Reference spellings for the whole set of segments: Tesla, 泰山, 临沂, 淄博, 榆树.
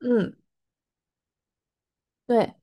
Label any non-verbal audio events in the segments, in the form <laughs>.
嗯，对，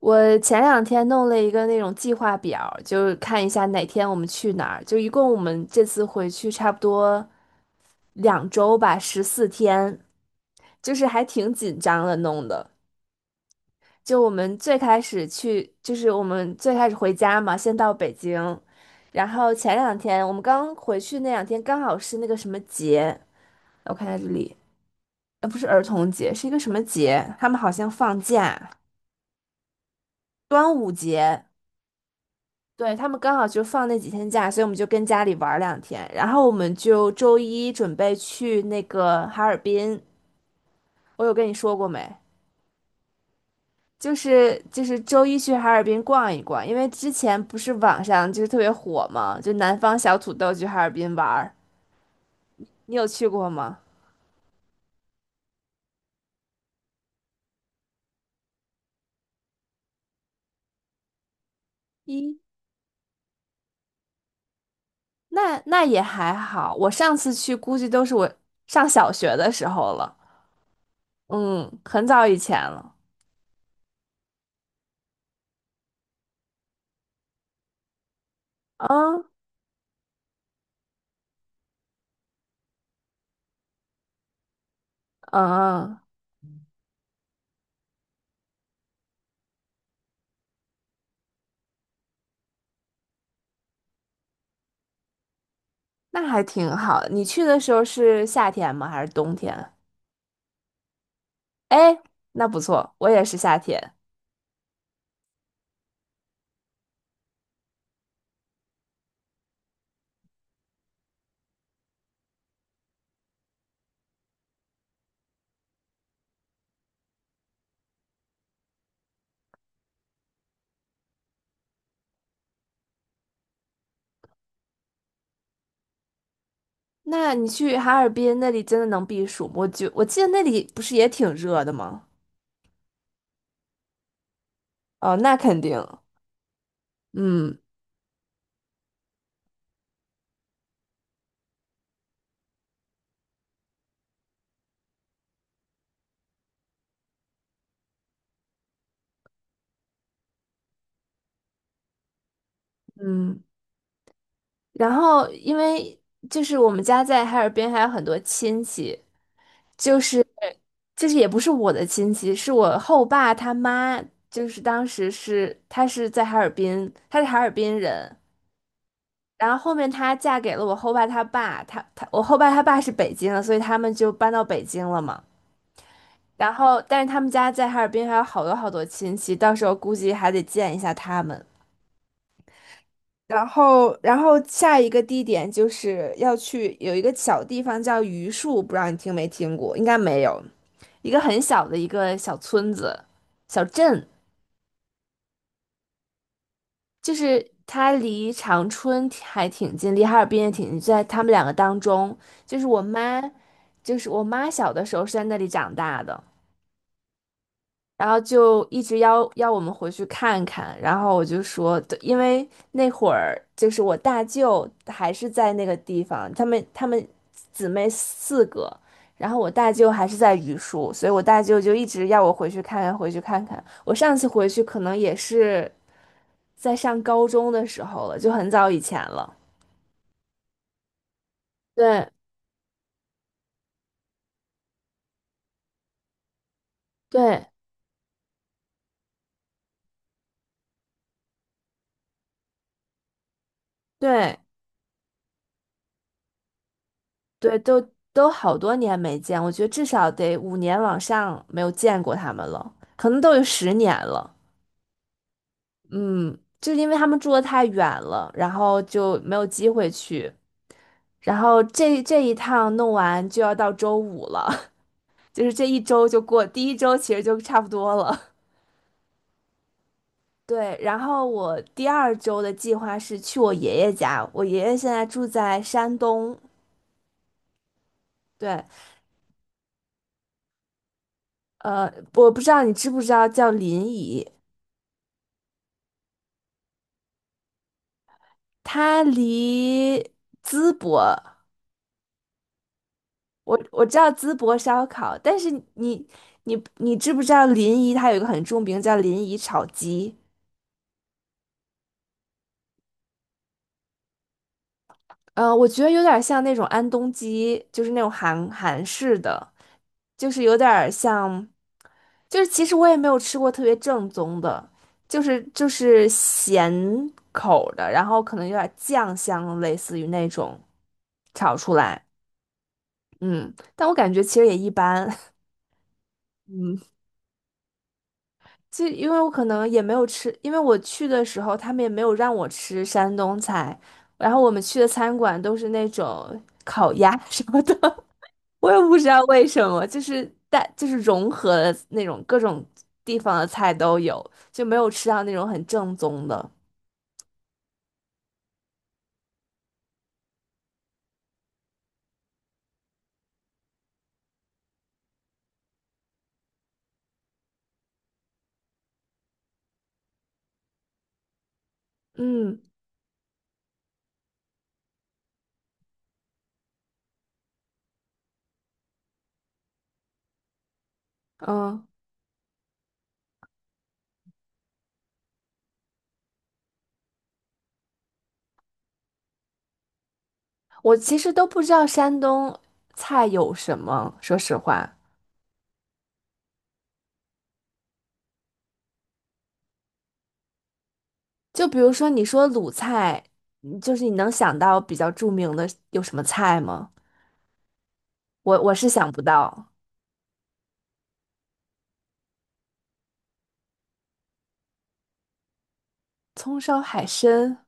我前两天弄了一个那种计划表就是看一下哪天我们去哪儿。就一共我们这次回去差不多2周吧，14天，就是还挺紧张的弄的。就我们最开始去，就是我们最开始回家嘛，先到北京，然后前两天我们刚回去那两天刚好是那个什么节，我看下这里，不是儿童节，是一个什么节？他们好像放假，端午节。对，他们刚好就放那几天假，所以我们就跟家里玩儿两天，然后我们就周一准备去那个哈尔滨。我有跟你说过没？就是周一去哈尔滨逛一逛，因为之前不是网上就是特别火嘛，就南方小土豆去哈尔滨玩儿。你有去过吗？咦，那也还好，我上次去估计都是我上小学的时候了，嗯，很早以前了。啊，嗯嗯。那还挺好。你去的时候是夏天吗？还是冬天啊？哎，那不错，我也是夏天。那你去哈尔滨那里真的能避暑吗？我记得那里不是也挺热的吗？哦，那肯定。嗯嗯。然后因为就是我们家在哈尔滨还有很多亲戚，就是就是也不是我的亲戚，是我后爸他妈，就是当时是他是在哈尔滨，他是哈尔滨人。然后后面她嫁给了我后爸他爸，他我后爸他爸是北京的，所以他们就搬到北京了嘛。然后，但是他们家在哈尔滨还有好多好多亲戚，到时候估计还得见一下他们。然后，下一个地点就是要去有一个小地方叫榆树，不知道你听没听过，应该没有，一个很小的一个小村子、小镇。就是它离长春还挺近，离哈尔滨也挺近，在他们两个当中，就是我妈，我妈小的时候是在那里长大的。然后就一直要我们回去看看，然后我就说，对，因为那会儿就是我大舅还是在那个地方，他们姊妹4个，然后我大舅还是在榆树，所以我大舅就一直要我回去看看，回去看看。我上次回去可能也是在上高中的时候了，就很早以前了。对对对，对，都好多年没见，我觉得至少得5年往上没有见过他们了，可能都有10年了。嗯，就是因为他们住的太远了，然后就没有机会去。然后这一趟弄完就要到周五了，<laughs> 就是这一周就过，第一周其实就差不多了。<laughs> 对，然后我第二周的计划是去我爷爷家，我爷爷现在住在山东，对，呃，我不知道你知不知道叫临沂。它离淄博，我知道淄博烧烤，但是你知不知道临沂它有一个很著名叫临沂炒鸡？我觉得有点像那种安东鸡，就是那种韩式的，就是有点像，就是其实我也没有吃过特别正宗的，就是咸口的，然后可能有点酱香，类似于那种炒出来，嗯，但我感觉其实也一般，<laughs> 嗯。就因为我可能也没有吃，因为我去的时候他们也没有让我吃山东菜，然后我们去的餐馆都是那种烤鸭 <laughs> 什么的，我也不知道为什么，就是融合了那种各种地方的菜都有，就没有吃到那种很正宗的。嗯嗯，我其实都不知道山东菜有什么，说实话，就比如说你说鲁菜，嗯就是你能想到比较著名的有什么菜吗？我是想不到，葱烧海参，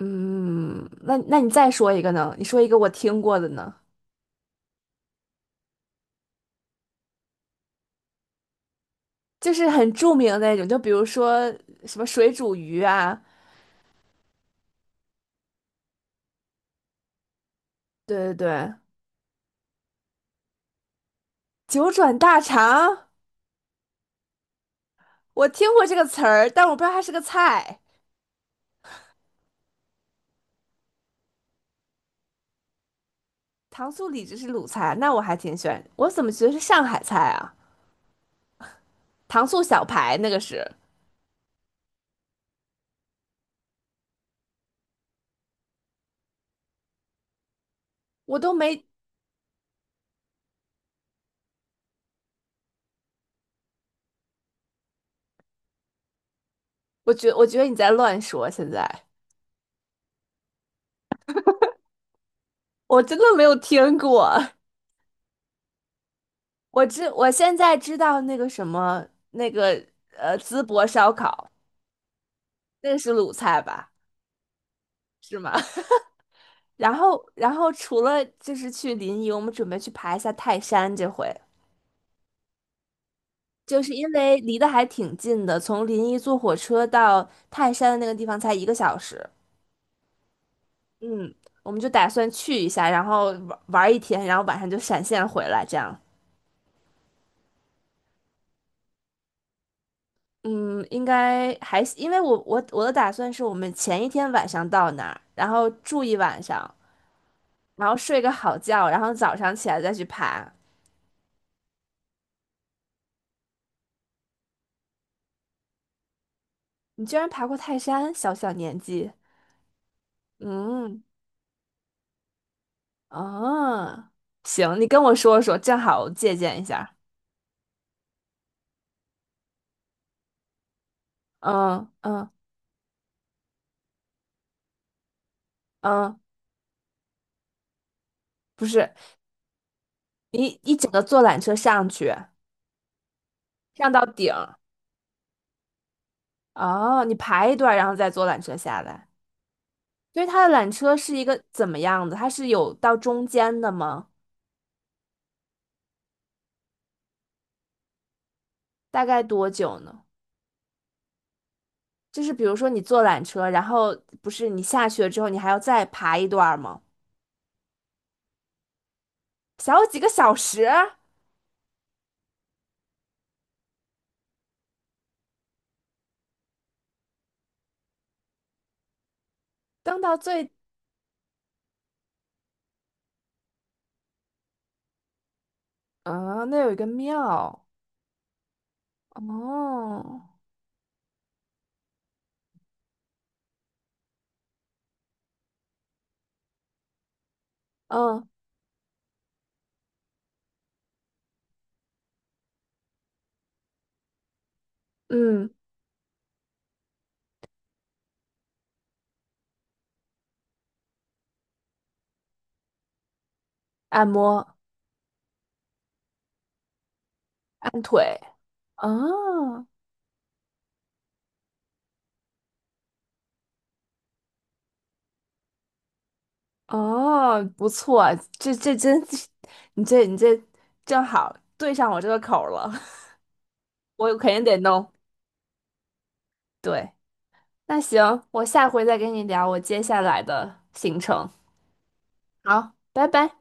嗯，那你再说一个呢？你说一个我听过的呢，就是很著名的那种，就比如说什么水煮鱼啊，对对对，九转大肠，我听过这个词儿，但我不知道它是个菜。糖醋里脊是鲁菜，那我还挺喜欢，我怎么觉得是上海菜啊？糖醋小排那个是，我都没，我觉得你在乱说，现在我真的没有听过。<laughs> 我现在知道那个什么那个淄博烧烤，那个是鲁菜吧？是吗？<laughs> 然后除了就是去临沂，我们准备去爬一下泰山，这回就是因为离得还挺近的，从临沂坐火车到泰山的那个地方才一个小时。嗯，我们就打算去一下，然后玩一天，然后晚上就闪现回来，这样。嗯，应该还，因为我的打算是我们前一天晚上到那儿，然后住一晚上。然后睡个好觉，然后早上起来再去爬。你居然爬过泰山，小小年纪，嗯，啊，行，你跟我说说，正好我借鉴一下。嗯嗯嗯，不是，你一整个坐缆车上去，上到顶，哦，你爬一段，然后再坐缆车下来。所以它的缆车是一个怎么样的？它是有到中间的吗？大概多久呢？就是比如说你坐缆车，然后不是你下去了之后，你还要再爬一段儿吗？小几个小时，登到最啊，那有一个庙哦，嗯嗯，按摩按腿，啊哦，不错，这真，<laughs> 你这正好对上我这个口儿了，<laughs> 我肯定得弄。对，那行，我下回再跟你聊我接下来的行程。好，拜拜。